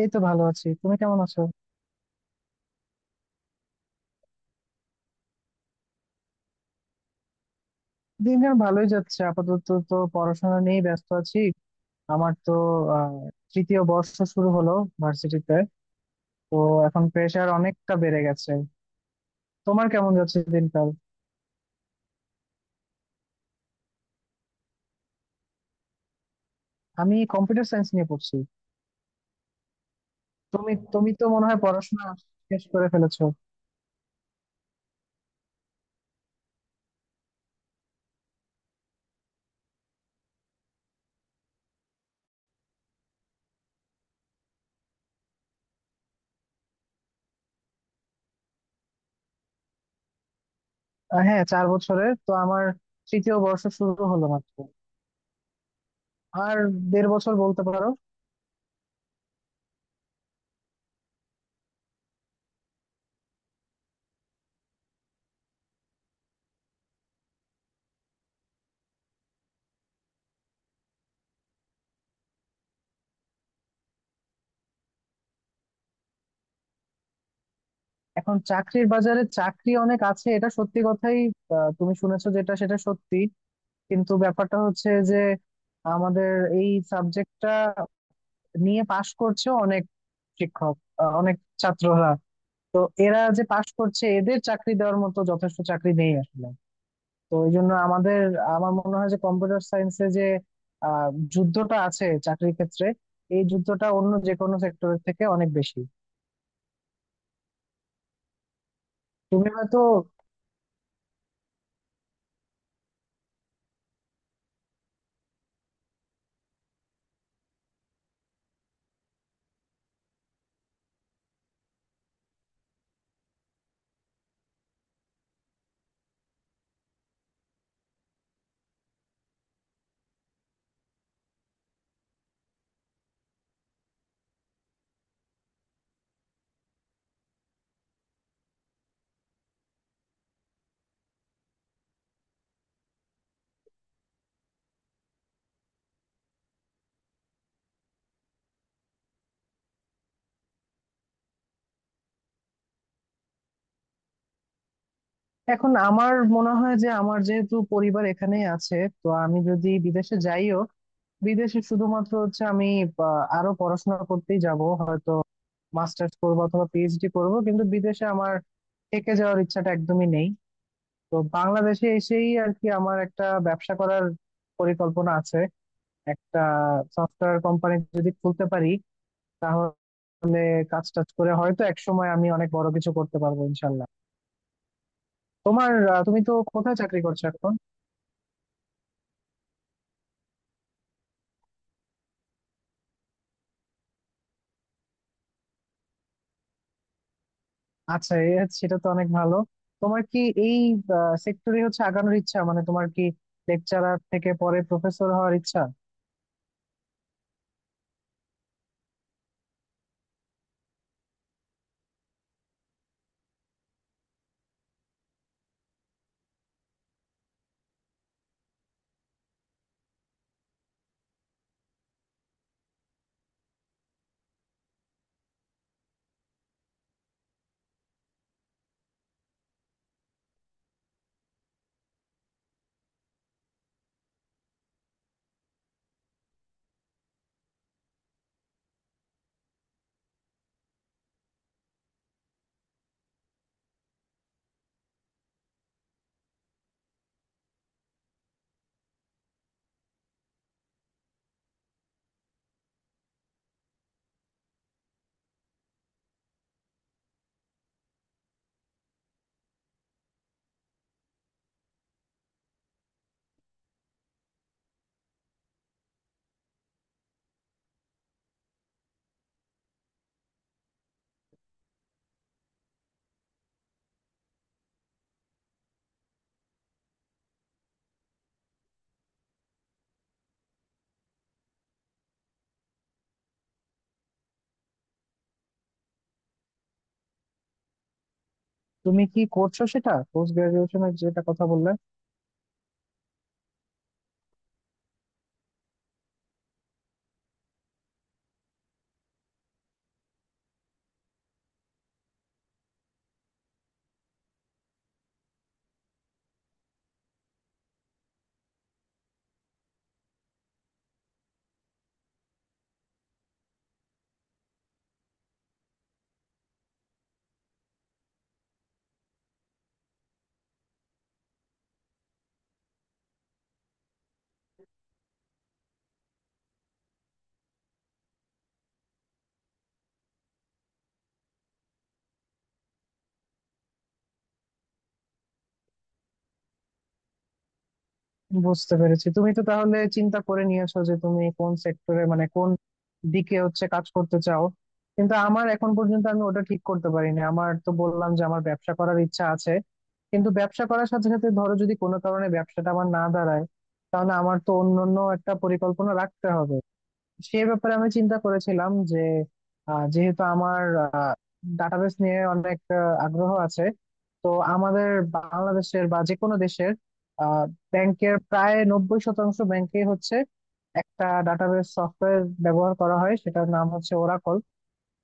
এই তো ভালো আছি, তুমি কেমন আছো? দিনকাল ভালোই যাচ্ছে, আপাতত তো পড়াশোনা নিয়ে ব্যস্ত আছি। আমার তো আহ তৃতীয় বর্ষ শুরু হলো ভার্সিটিতে, তো এখন প্রেশার অনেকটা বেড়ে গেছে। তোমার কেমন যাচ্ছে দিনকাল? আমি কম্পিউটার সায়েন্স নিয়ে পড়ছি। তুমি তুমি তো মনে হয় পড়াশোনা শেষ করে ফেলেছো। হ্যাঁ, 4 বছরের, তো আমার তৃতীয় বর্ষ শুরু হলো মাত্র। আর দেড় বছর বলতে পারো। এখন চাকরির বাজারে চাকরি অনেক আছে, এটা সত্যি কথাই। তুমি শুনেছো যেটা সেটা সত্যি। কিন্তু ব্যাপারটা হচ্ছে যে আমাদের এই সাবজেক্টটা নিয়ে পাশ করছে অনেক শিক্ষক, অনেক ছাত্ররা। তো এরা যে পাশ করছে, এদের চাকরি দেওয়ার মতো যথেষ্ট চাকরি নেই আসলে। তো এই জন্য আমাদের, আমার মনে হয় যে কম্পিউটার সায়েন্সে যে আহ যুদ্ধটা আছে চাকরির ক্ষেত্রে, এই যুদ্ধটা অন্য যে কোনো সেক্টরের থেকে অনেক বেশি। তুমি হয়তো এখন আমার মনে হয় যে আমার যেহেতু পরিবার এখানেই আছে, তো আমি যদি বিদেশে যাইও, বিদেশে শুধুমাত্র হচ্ছে আমি আরো পড়াশোনা করতেই যাব হয়তো। মাস্টার্স করবো অথবা পিএইচডি করব, কিন্তু বিদেশে আমার থেকে যাওয়ার ইচ্ছাটা একদমই নেই। তো বাংলাদেশে এসেই আর কি আমার একটা ব্যবসা করার পরিকল্পনা আছে। একটা সফটওয়্যার কোম্পানি যদি খুলতে পারি, তাহলে কাজ টাজ করে হয়তো এক সময় আমি অনেক বড় কিছু করতে পারবো ইনশাল্লাহ। তুমি তো কোথায় চাকরি করছো এখন? আচ্ছা, সেটা তো অনেক ভালো। তোমার কি এই সেক্টরে হচ্ছে আগানোর ইচ্ছা, মানে তোমার কি লেকচারার থেকে পরে প্রফেসর হওয়ার ইচ্ছা? তুমি কি করছো সেটা, পোস্ট গ্রাজুয়েশনের যেটা কথা বললে? বুঝতে পেরেছি। তুমি তো তাহলে চিন্তা করে নিয়েছো যে তুমি কোন সেক্টরে, মানে কোন দিকে হচ্ছে কাজ করতে চাও। কিন্তু আমার, এখন পর্যন্ত আমি ওটা ঠিক করতে পারিনি। আমার তো বললাম যে আমার ব্যবসা করার ইচ্ছা আছে, কিন্তু ব্যবসা করার সাথে সাথে ধরো যদি কোনো কারণে ব্যবসাটা আমার না দাঁড়ায়, তাহলে আমার তো অন্য অন্য একটা পরিকল্পনা রাখতে হবে। সে ব্যাপারে আমি চিন্তা করেছিলাম যে যেহেতু আমার ডাটাবেস নিয়ে অনেক আগ্রহ আছে, তো আমাদের বাংলাদেশের বা যে কোনো দেশের ব্যাংকের প্রায় 90% ব্যাংকে হচ্ছে একটা ডাটাবেস সফটওয়্যার ব্যবহার করা হয়, সেটার নাম হচ্ছে ওরাকল।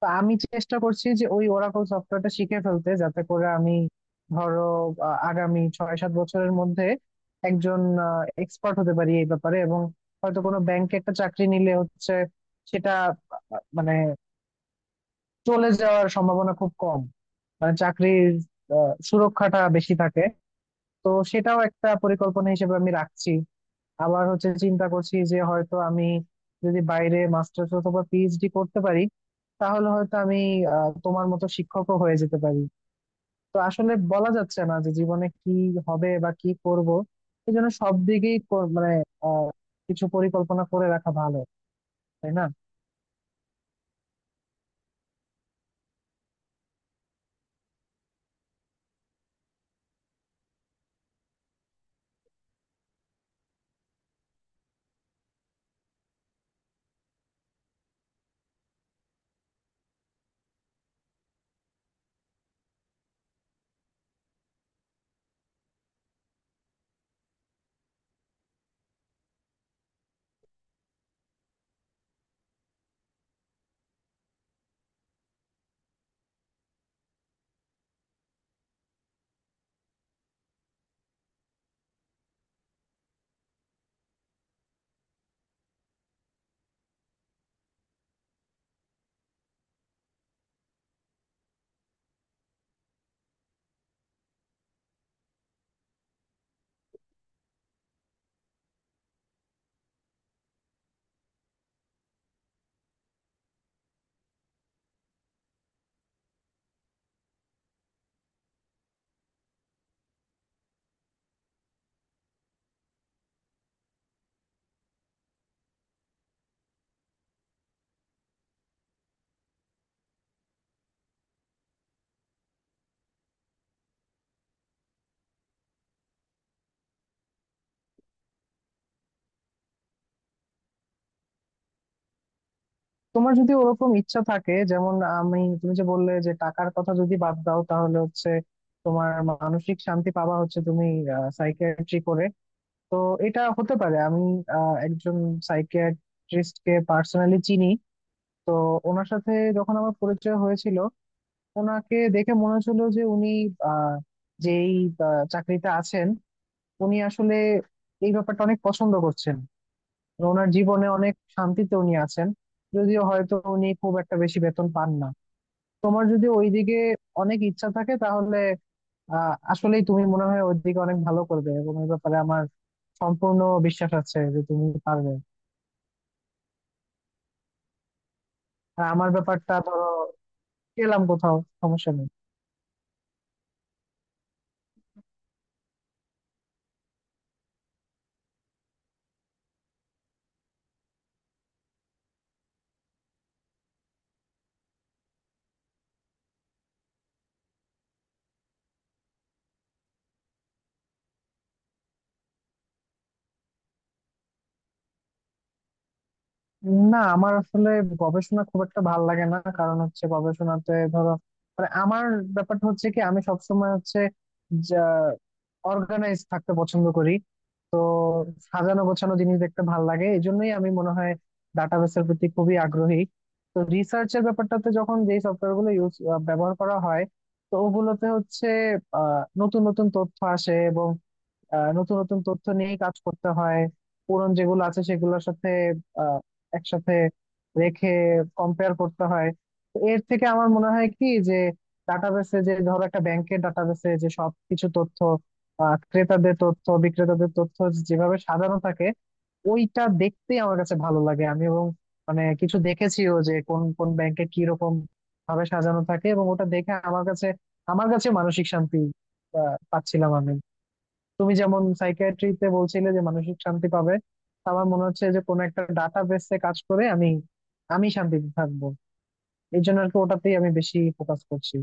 তো আমি চেষ্টা করছি যে ওই ওরাকল সফটওয়্যারটা শিখে ফেলতে, যাতে করে আমি, ধরো আগামী 6-7 বছরের মধ্যে একজন এক্সপার্ট হতে পারি এই ব্যাপারে, এবং হয়তো কোনো ব্যাংকে একটা চাকরি নিলে হচ্ছে সেটা, মানে চলে যাওয়ার সম্ভাবনা খুব কম, মানে চাকরির আ, সুরক্ষাটা বেশি থাকে। তো সেটাও একটা পরিকল্পনা হিসেবে আমি রাখছি। আবার হচ্ছে চিন্তা করছি যে হয়তো আমি যদি বাইরে মাস্টার্স অথবা পিএইচডি করতে পারি, তাহলে হয়তো আমি তোমার মতো শিক্ষকও হয়ে যেতে পারি। তো আসলে বলা যাচ্ছে না যে জীবনে কি হবে বা কি করব। এই জন্য সব দিকেই মানে আহ, কিছু পরিকল্পনা করে রাখা ভালো, তাই না? তোমার যদি ওরকম ইচ্ছা থাকে, যেমন আমি, তুমি যে বললে যে টাকার কথা যদি বাদ দাও, তাহলে হচ্ছে তোমার মানসিক শান্তি পাবা হচ্ছে তুমি সাইকিয়াট্রি করে। তো এটা হতে পারে, আমি একজন সাইকিয়াট্রিস্ট কে পার্সোনালি চিনি। তো ওনার সাথে যখন আমার পরিচয় হয়েছিল, ওনাকে দেখে মনে হচ্ছিল যে উনি আহ, যেই চাকরিতে আছেন, উনি আসলে এই ব্যাপারটা অনেক পছন্দ করছেন। ওনার জীবনে অনেক শান্তিতে উনি আছেন, যদিও হয়তো উনি খুব একটা বেশি বেতন পান না। তোমার যদি ওইদিকে অনেক ইচ্ছা থাকে, তাহলে আসলেই তুমি মনে হয় ওইদিকে অনেক ভালো করবে, এবং এই ব্যাপারে আমার সম্পূর্ণ বিশ্বাস আছে যে তুমি পারবে। আর আমার ব্যাপারটা ধরো, পেলাম কোথাও, সমস্যা নেই। না, আমার আসলে গবেষণা খুব একটা ভালো লাগে না। কারণ হচ্ছে গবেষণাতে ধরো, মানে আমার ব্যাপারটা হচ্ছে কি, আমি সবসময় হচ্ছে যা অর্গানাইজ থাকতে পছন্দ করি। সাজানো গোছানো জিনিস দেখতে ভালো লাগে, এই জন্যই আমি মনে হয় ডাটাবেসের প্রতি খুবই আগ্রহী। তো রিসার্চের ব্যাপারটাতে যখন যে সফটওয়্যার গুলো ব্যবহার করা হয়, তো ওগুলোতে হচ্ছে নতুন নতুন তথ্য আসে, এবং নতুন নতুন তথ্য নিয়েই কাজ করতে হয়। পুরন যেগুলো আছে সেগুলোর সাথে আহ, একসাথে রেখে কম্পেয়ার করতে হয়। তো এর থেকে আমার মনে হয় কি যে, ডাটাবেসে, যে ধরো একটা ব্যাংকের ডাটাবেসে যে সব কিছু তথ্য, ক্রেতাদের তথ্য, বিক্রেতাদের তথ্য যেভাবে সাজানো থাকে, ওইটা দেখতেই আমার কাছে ভালো লাগে। আমি, এবং, মানে কিছু দেখেছিও যে কোন কোন ব্যাংকে কি রকম ভাবে সাজানো থাকে, এবং ওটা দেখে আমার কাছে মানসিক শান্তি পাচ্ছিলাম আমি। তুমি যেমন সাইকিয়াট্রিতে বলছিলে যে মানসিক শান্তি পাবে, আমার মনে হচ্ছে যে কোনো একটা ডাটা বেসে কাজ করে আমি আমি শান্তিতে থাকবো। এই জন্য আর কি ওটাতেই আমি বেশি ফোকাস করছি।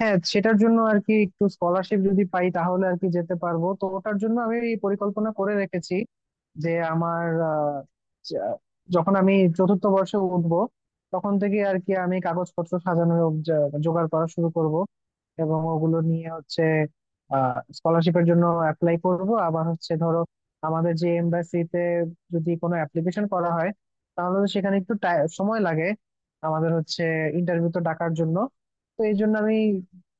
হ্যাঁ, সেটার জন্য আর কি একটু স্কলারশিপ যদি পাই, তাহলে আর কি যেতে পারবো। তো ওটার জন্য আমি এই পরিকল্পনা করে রেখেছি যে আমার আহ, যা- যখন আমি চতুর্থ বর্ষে উঠবো, তখন থেকে আর কি আমি কাগজপত্র সাজানো, জোগাড় করা শুরু করব, এবং ওগুলো নিয়ে হচ্ছে স্কলারশিপের জন্য অ্যাপ্লাই করব। আবার হচ্ছে ধরো আমাদের যে এমবাসিতে যদি কোনো অ্যাপ্লিকেশন করা হয়, তাহলে তো সেখানে একটু সময় লাগে, আমাদের হচ্ছে ইন্টারভিউ তো ডাকার জন্য। তো এই জন্য আমি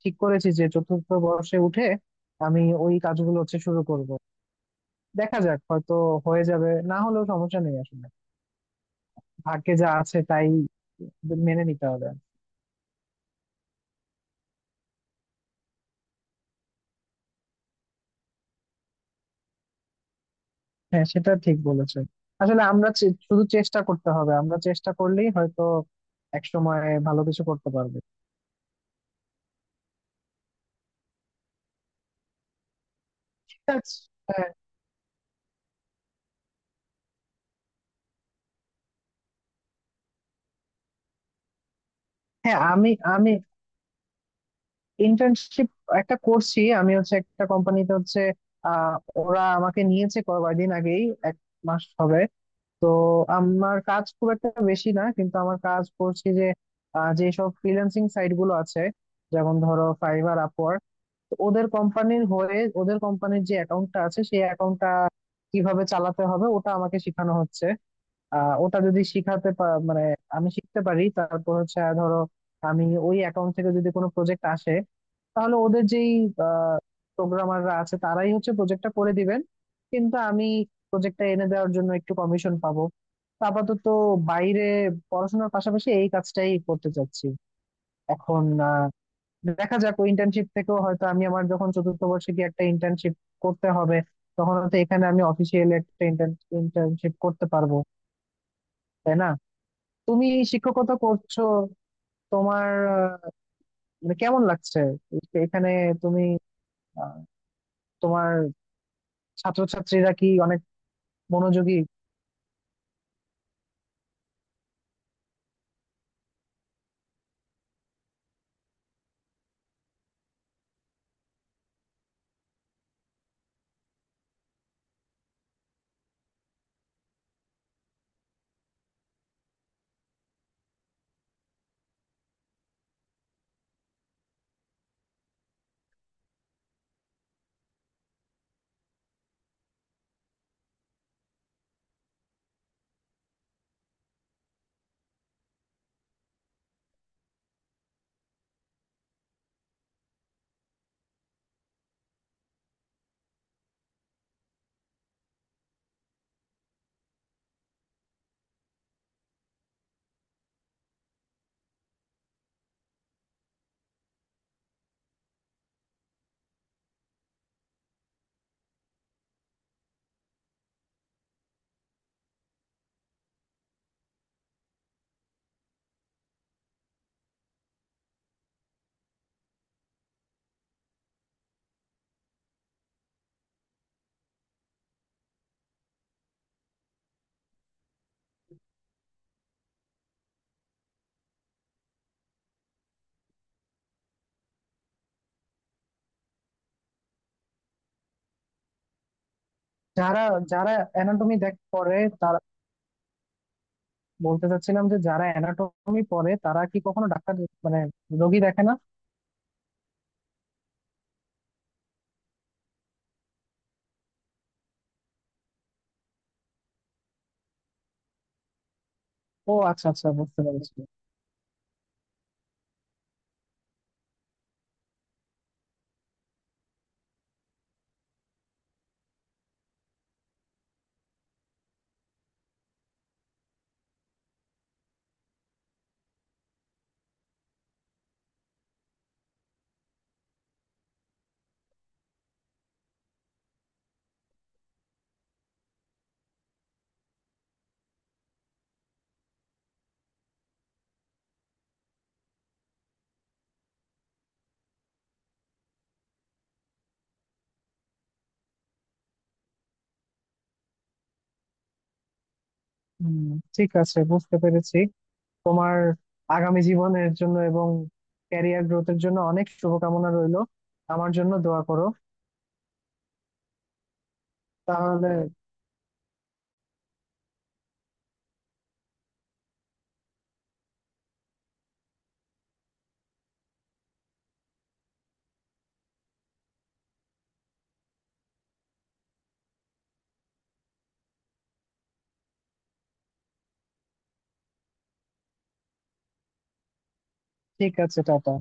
ঠিক করেছি যে চতুর্থ বর্ষে উঠে আমি ওই কাজগুলো হচ্ছে শুরু করব। দেখা যাক, হয়তো হয়ে যাবে, না হলেও সমস্যা নেই আসলে। ভাগ্যে যা আছে তাই মেনে নিতে হবে। হ্যাঁ, সেটা ঠিক বলেছে। আসলে আমরা শুধু চেষ্টা করতে হবে, আমরা চেষ্টা করলেই হয়তো একসময় ভালো কিছু করতে পারবে। ঠিক আছে। হ্যাঁ। হ্যাঁ, আমি আমি ইন্টার্নশিপ একটা করছি। আমি হচ্ছে একটা কোম্পানিতে হচ্ছে, আহ ওরা আমাকে নিয়েছে কয়েকদিন আগেই, 1 মাস হবে। তো আমার কাজ খুব একটা বেশি না, কিন্তু আমার কাজ করছি যে যেসব ফ্রিল্যান্সিং সাইট গুলো আছে, যেমন ধরো ফাইবার, আপওয়ার্ক, তো ওদের কোম্পানির হয়ে ওদের কোম্পানির যে অ্যাকাউন্টটা আছে, সেই অ্যাকাউন্টটা কিভাবে চালাতে হবে ওটা আমাকে শেখানো হচ্ছে। ওটা যদি মানে আমি শিখতে পারি, তারপর হচ্ছে ধরো আমি ওই অ্যাকাউন্ট থেকে যদি কোনো প্রজেক্ট আসে, তাহলে ওদের যেই প্রোগ্রামাররা আছে তারাই হচ্ছে প্রজেক্টটা করে দিবেন, কিন্তু আমি প্রজেক্টটা এনে দেওয়ার জন্য একটু কমিশন পাবো। তো আপাতত বাইরে পড়াশোনার পাশাপাশি এই কাজটাই করতে চাচ্ছি এখন। আহ, দেখা যাক, ওই ইন্টার্নশিপ থেকেও হয়তো আমি, আমার যখন চতুর্থ বর্ষে গিয়ে একটা ইন্টার্নশিপ করতে হবে, তখন হয়তো এখানে আমি অফিসিয়ালি একটা ইন্টার্নশিপ করতে পারবো, তাই না? তুমি শিক্ষকতা করছো, তোমার আহ, মানে কেমন লাগছে এখানে? তুমি, আহ, তোমার ছাত্রছাত্রীরা কি অনেক মনোযোগী? যারা, যারা অ্যানাটমি পড়ে তারা, বলতে চাচ্ছিলাম যে যারা অ্যানাটমি পড়ে তারা কি কখনো ডাক্তার, মানে রোগী দেখে না? ও আচ্ছা আচ্ছা, বুঝতে পেরেছি। হম, ঠিক আছে, বুঝতে পেরেছি। তোমার আগামী জীবনের জন্য এবং ক্যারিয়ার গ্রোথের জন্য অনেক শুভকামনা রইলো। আমার জন্য দোয়া করো। তাহলে ঠিক আছে, টাটা।